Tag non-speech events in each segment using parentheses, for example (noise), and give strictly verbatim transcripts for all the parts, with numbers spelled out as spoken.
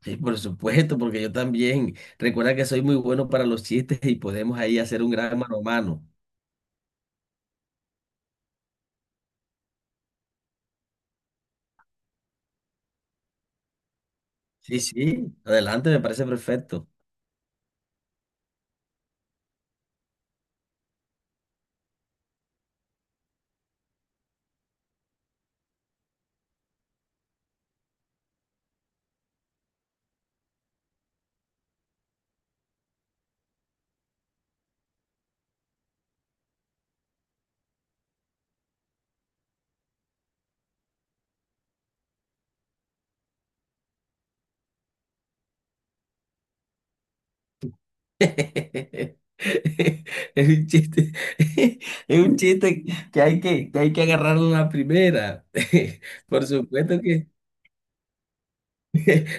Sí, por supuesto, porque yo también. Recuerda que soy muy bueno para los chistes y podemos ahí hacer un gran mano a mano. Sí, sí, adelante, me parece perfecto. (laughs) Es un chiste, (laughs) es un chiste que hay que, que hay que agarrarlo a la primera. (laughs) Por supuesto.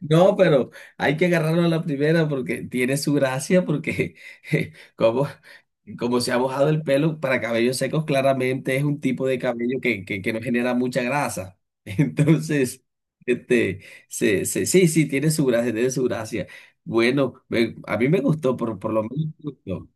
No, pero hay que agarrarlo a la primera porque tiene su gracia, porque (laughs) como, como se ha mojado el pelo para cabellos secos, claramente es un tipo de cabello que, que, que no genera mucha grasa. (laughs) Entonces, este, se, se- sí, sí, tiene su gracia, tiene su gracia. Bueno, me- a mí me gustó, por, por lo menos.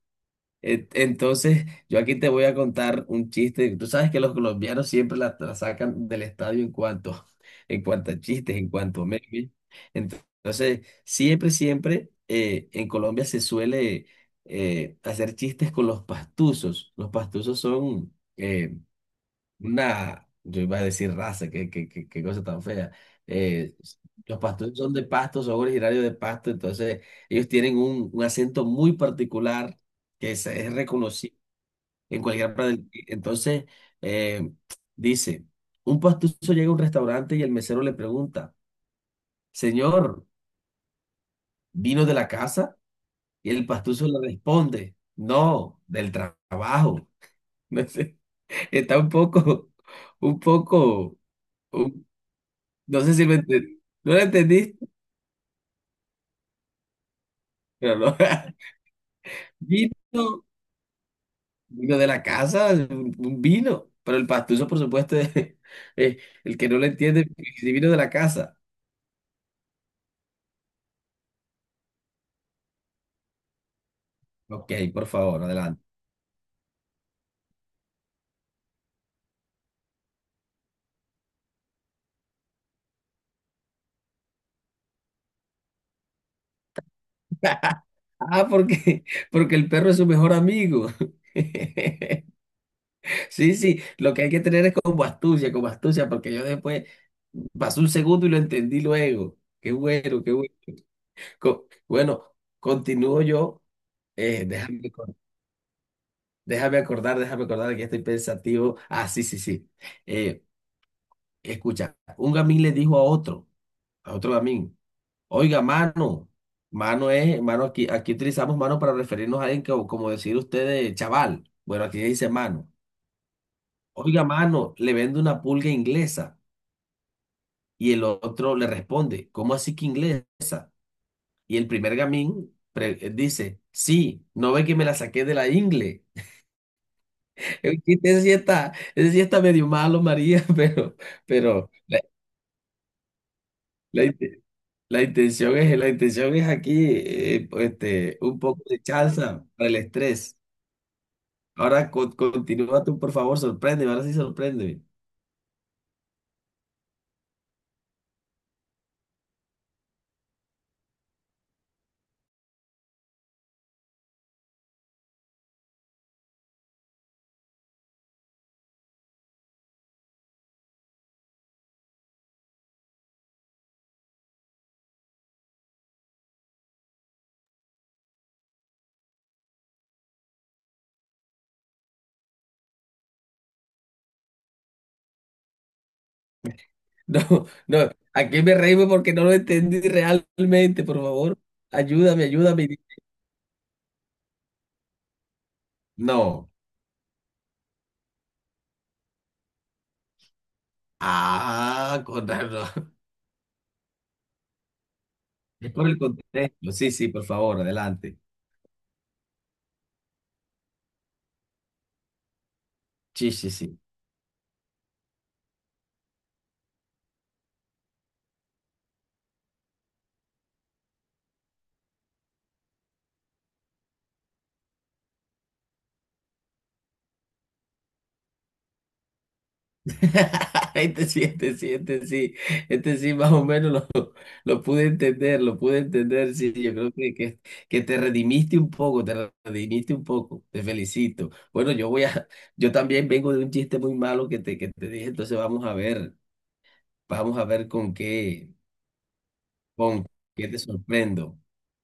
Et- Entonces, yo aquí te voy a contar un chiste. Tú sabes que los colombianos siempre la, la sacan del estadio en cuanto, en cuanto a chistes, en cuanto a memes. Ent- Entonces, siempre, siempre eh, en Colombia se suele eh, hacer chistes con los pastuzos. Los pastuzos son eh, una, yo iba a decir raza, qué, qué, qué, qué cosa tan fea. Eh, los pastores son de Pasto, son originarios de Pasto, entonces ellos tienen un, un acento muy particular que es, es reconocido en cualquier parte del... Entonces, eh, dice, un pastuso llega a un restaurante y el mesero le pregunta, señor, ¿vino de la casa? Y el pastuso le responde, no, del tra- trabajo. (laughs) No sé, está un poco, un poco... No sé si lo entendí. ¿No lo entendiste? Pero no. (laughs) Vino, vino de la casa, un un vino. Pero el pastuso, por supuesto, es, es el que no lo entiende, si vino de la casa. Ok, por favor, adelante. (laughs) Ah, porque, porque el perro es su mejor amigo. (laughs) Sí, sí, lo que hay que tener es como astucia, como astucia, porque yo después pasó un segundo y lo entendí luego. Qué bueno, qué bueno. Co- bueno, continúo yo. Eh, déjame. Déjame acordar, déjame acordar que ya estoy pensativo. Ah, sí, sí, sí. Eh, Escucha, un gamín le dijo a otro, a otro gamín, oiga, mano. Mano es, mano, aquí, aquí utilizamos mano para referirnos a alguien que, como decir ustedes, chaval. Bueno, aquí dice mano. Oiga, mano, le vende una pulga inglesa. Y el otro le responde, ¿cómo así que inglés? Y el primer gamín pre- eh, dice, sí, no ve que me la saqué de la ingle. (laughs) Ese sí está, ese sí está medio malo, María, (laughs) pero, pero. La, inte- la intención es, la intención es aquí eh, pues, este, un poco de salsa para el estrés. Ahora con- continúa tú, por favor, sorpréndeme, ahora sí sorpréndeme. (laughs) No, no, aquí me reíme porque no lo entendí realmente, por favor. Ayúdame, ayúdame. No. Ah, con razón. (laughs) Es por el contexto. Sí, sí, por favor, adelante. Sí, sí, sí. (laughs) Este sí, este sí, este sí. Este sí, más o menos lo pude entender, lo pude entender, sí, yo creo que, que, que te redimiste un poco, te redimiste un poco, te felicito. Bueno, yo voy a, (laughs) yo también vengo de un chiste muy malo que te, que te dije, entonces vamos a ver, vamos a ver con qué, con qué te sorprendo.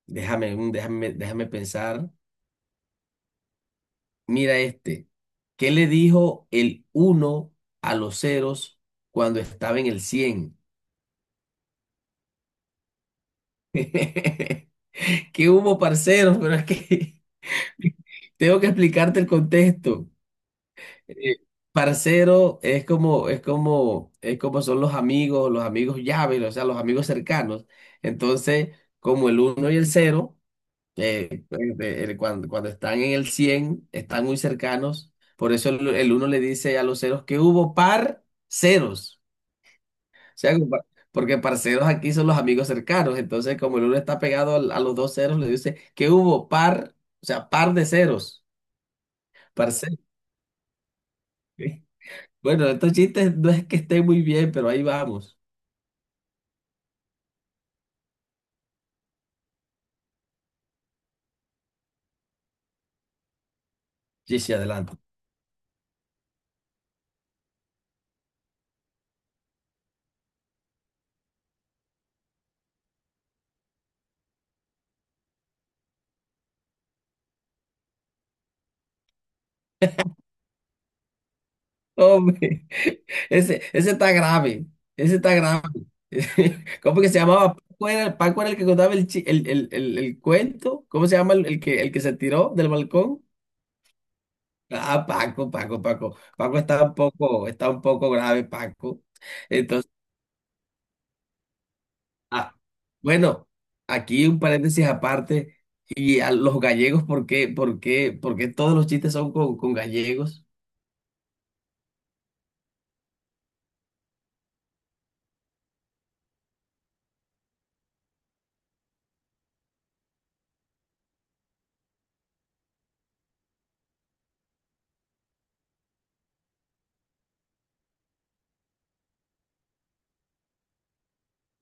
Déjame, un- déjame, déjame pensar. Mira este, ¿qué le dijo el uno a los ceros cuando estaba en el cien? (laughs) ¿Qué hubo, parceros? Pero es que... Tengo que explicarte el contexto. Eh, Parcero es como, es como, es como son los amigos, los amigos llaves, o sea, los amigos cercanos. Entonces, como el uno y el cero, eh, eh, eh, cuando, cuando están en el cien están muy cercanos. Por eso el, el uno le dice a los ceros que hubo par ceros. O sea, como par- porque parceros aquí son los amigos cercanos. Entonces, como el uno está pegado al- a los dos ceros, le dice que hubo par, o sea, par de ceros. Parcero. (laughs) Bueno, estos chistes no es que estén muy bien, pero ahí vamos. Sí, sí, adelante. Hombre, (laughs) ese, ese está grave. Ese está grave. (laughs) ¿Cómo que se llamaba? Paco era, Paco era el que contaba el, chi- el, el, el, el cuento. ¿Cómo se llama el, el que, el que se tiró del balcón? Ah, Paco, Paco, Paco. Paco está un poco, está un poco grave, Paco. Entonces, ah, bueno, aquí un paréntesis aparte. Y a los gallegos, ¿por qué, por qué, por qué todos los chistes son con, con gallegos?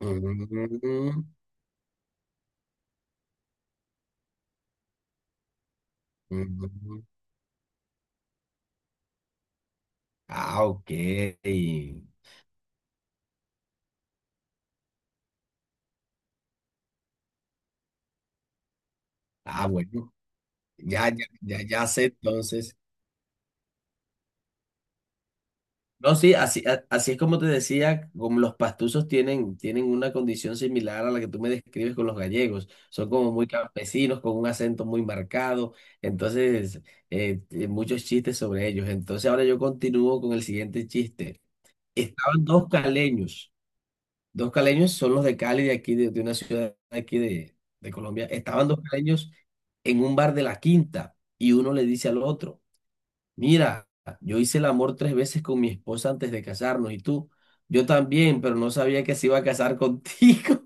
Mm, mm. Ah, ok. Ah, bueno. Ya, ya, ya, ya sé entonces. No, sí, así, a- así es como te decía, como los pastusos tienen, tienen una condición similar a la que tú me describes con los gallegos. Son como muy campesinos, con un acento muy marcado. Entonces, eh, eh, muchos chistes sobre ellos. Entonces, ahora yo continúo con el siguiente chiste. Estaban dos caleños. Dos caleños son los de Cali, de aquí, de, de una ciudad de aquí de, de Colombia. Estaban dos caleños en un bar de la Quinta y uno le dice al otro, mira, yo hice el amor tres veces con mi esposa antes de casarnos. Y tú, yo también, pero no sabía que se iba a casar contigo.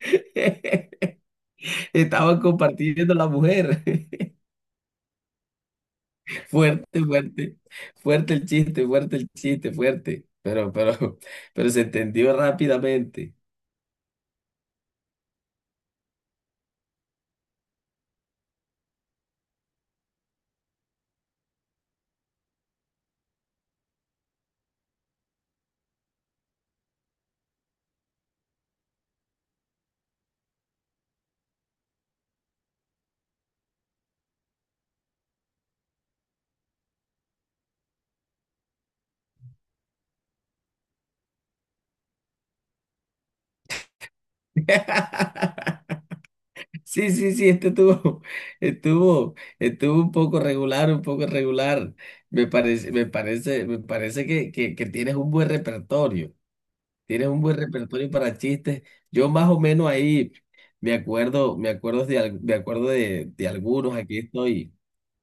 (laughs) Estaban compartiendo la mujer. (laughs) Fuerte, fuerte, fuerte el chiste, fuerte el chiste, fuerte. Pero, pero, pero se entendió rápidamente. (laughs) Sí, sí, sí, este estuvo, (laughs) estuvo, estuvo un poco regular, un poco regular. Me parece, me parece, me parece que, que, que tienes un buen repertorio. Tienes un buen repertorio para chistes. Yo más o menos ahí me acuerdo, me acuerdo de, al- me acuerdo de, de algunos. Aquí estoy,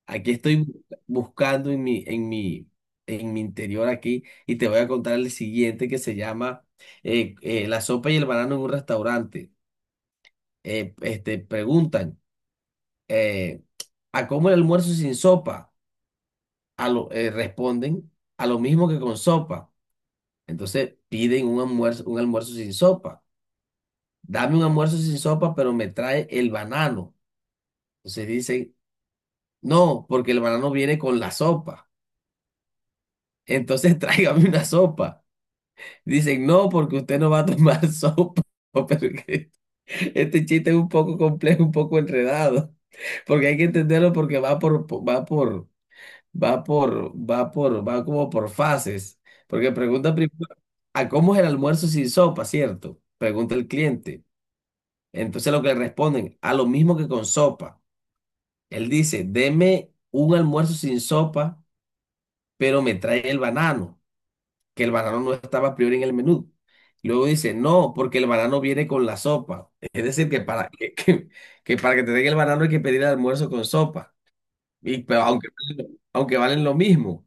aquí estoy bu- buscando en mi, en mi, en mi interior aquí, y te voy a contar el siguiente que se llama eh, eh, la sopa y el banano en un restaurante. Eh, este, preguntan eh, a cómo el almuerzo sin sopa, a lo, eh, responden a lo mismo que con sopa. Entonces piden un almuerzo, un almuerzo sin sopa. Dame un almuerzo sin sopa, pero me trae el banano. Entonces dicen, no, porque el banano viene con la sopa. Entonces (laughs) tráigame una sopa. Dicen, no, porque usted no va a tomar (laughs) sopa. (laughs) Pero que- este chiste es un poco complejo, un poco enredado, porque hay que entenderlo porque va por, va por, va por, va por, va como por fases. Porque pregunta primero, ¿a cómo es el almuerzo sin sopa, cierto? Pregunta el cliente. Entonces lo que le responden, a lo mismo que con sopa. Él dice, deme un almuerzo sin sopa, pero me trae el banano, que el banano no estaba a priori en el menú. Luego dice, no, porque el banano viene con la sopa. Es decir, que para que, que- que para que te den el banano hay que pedir el almuerzo con sopa. Y, pero aunque, aunque valen lo mismo.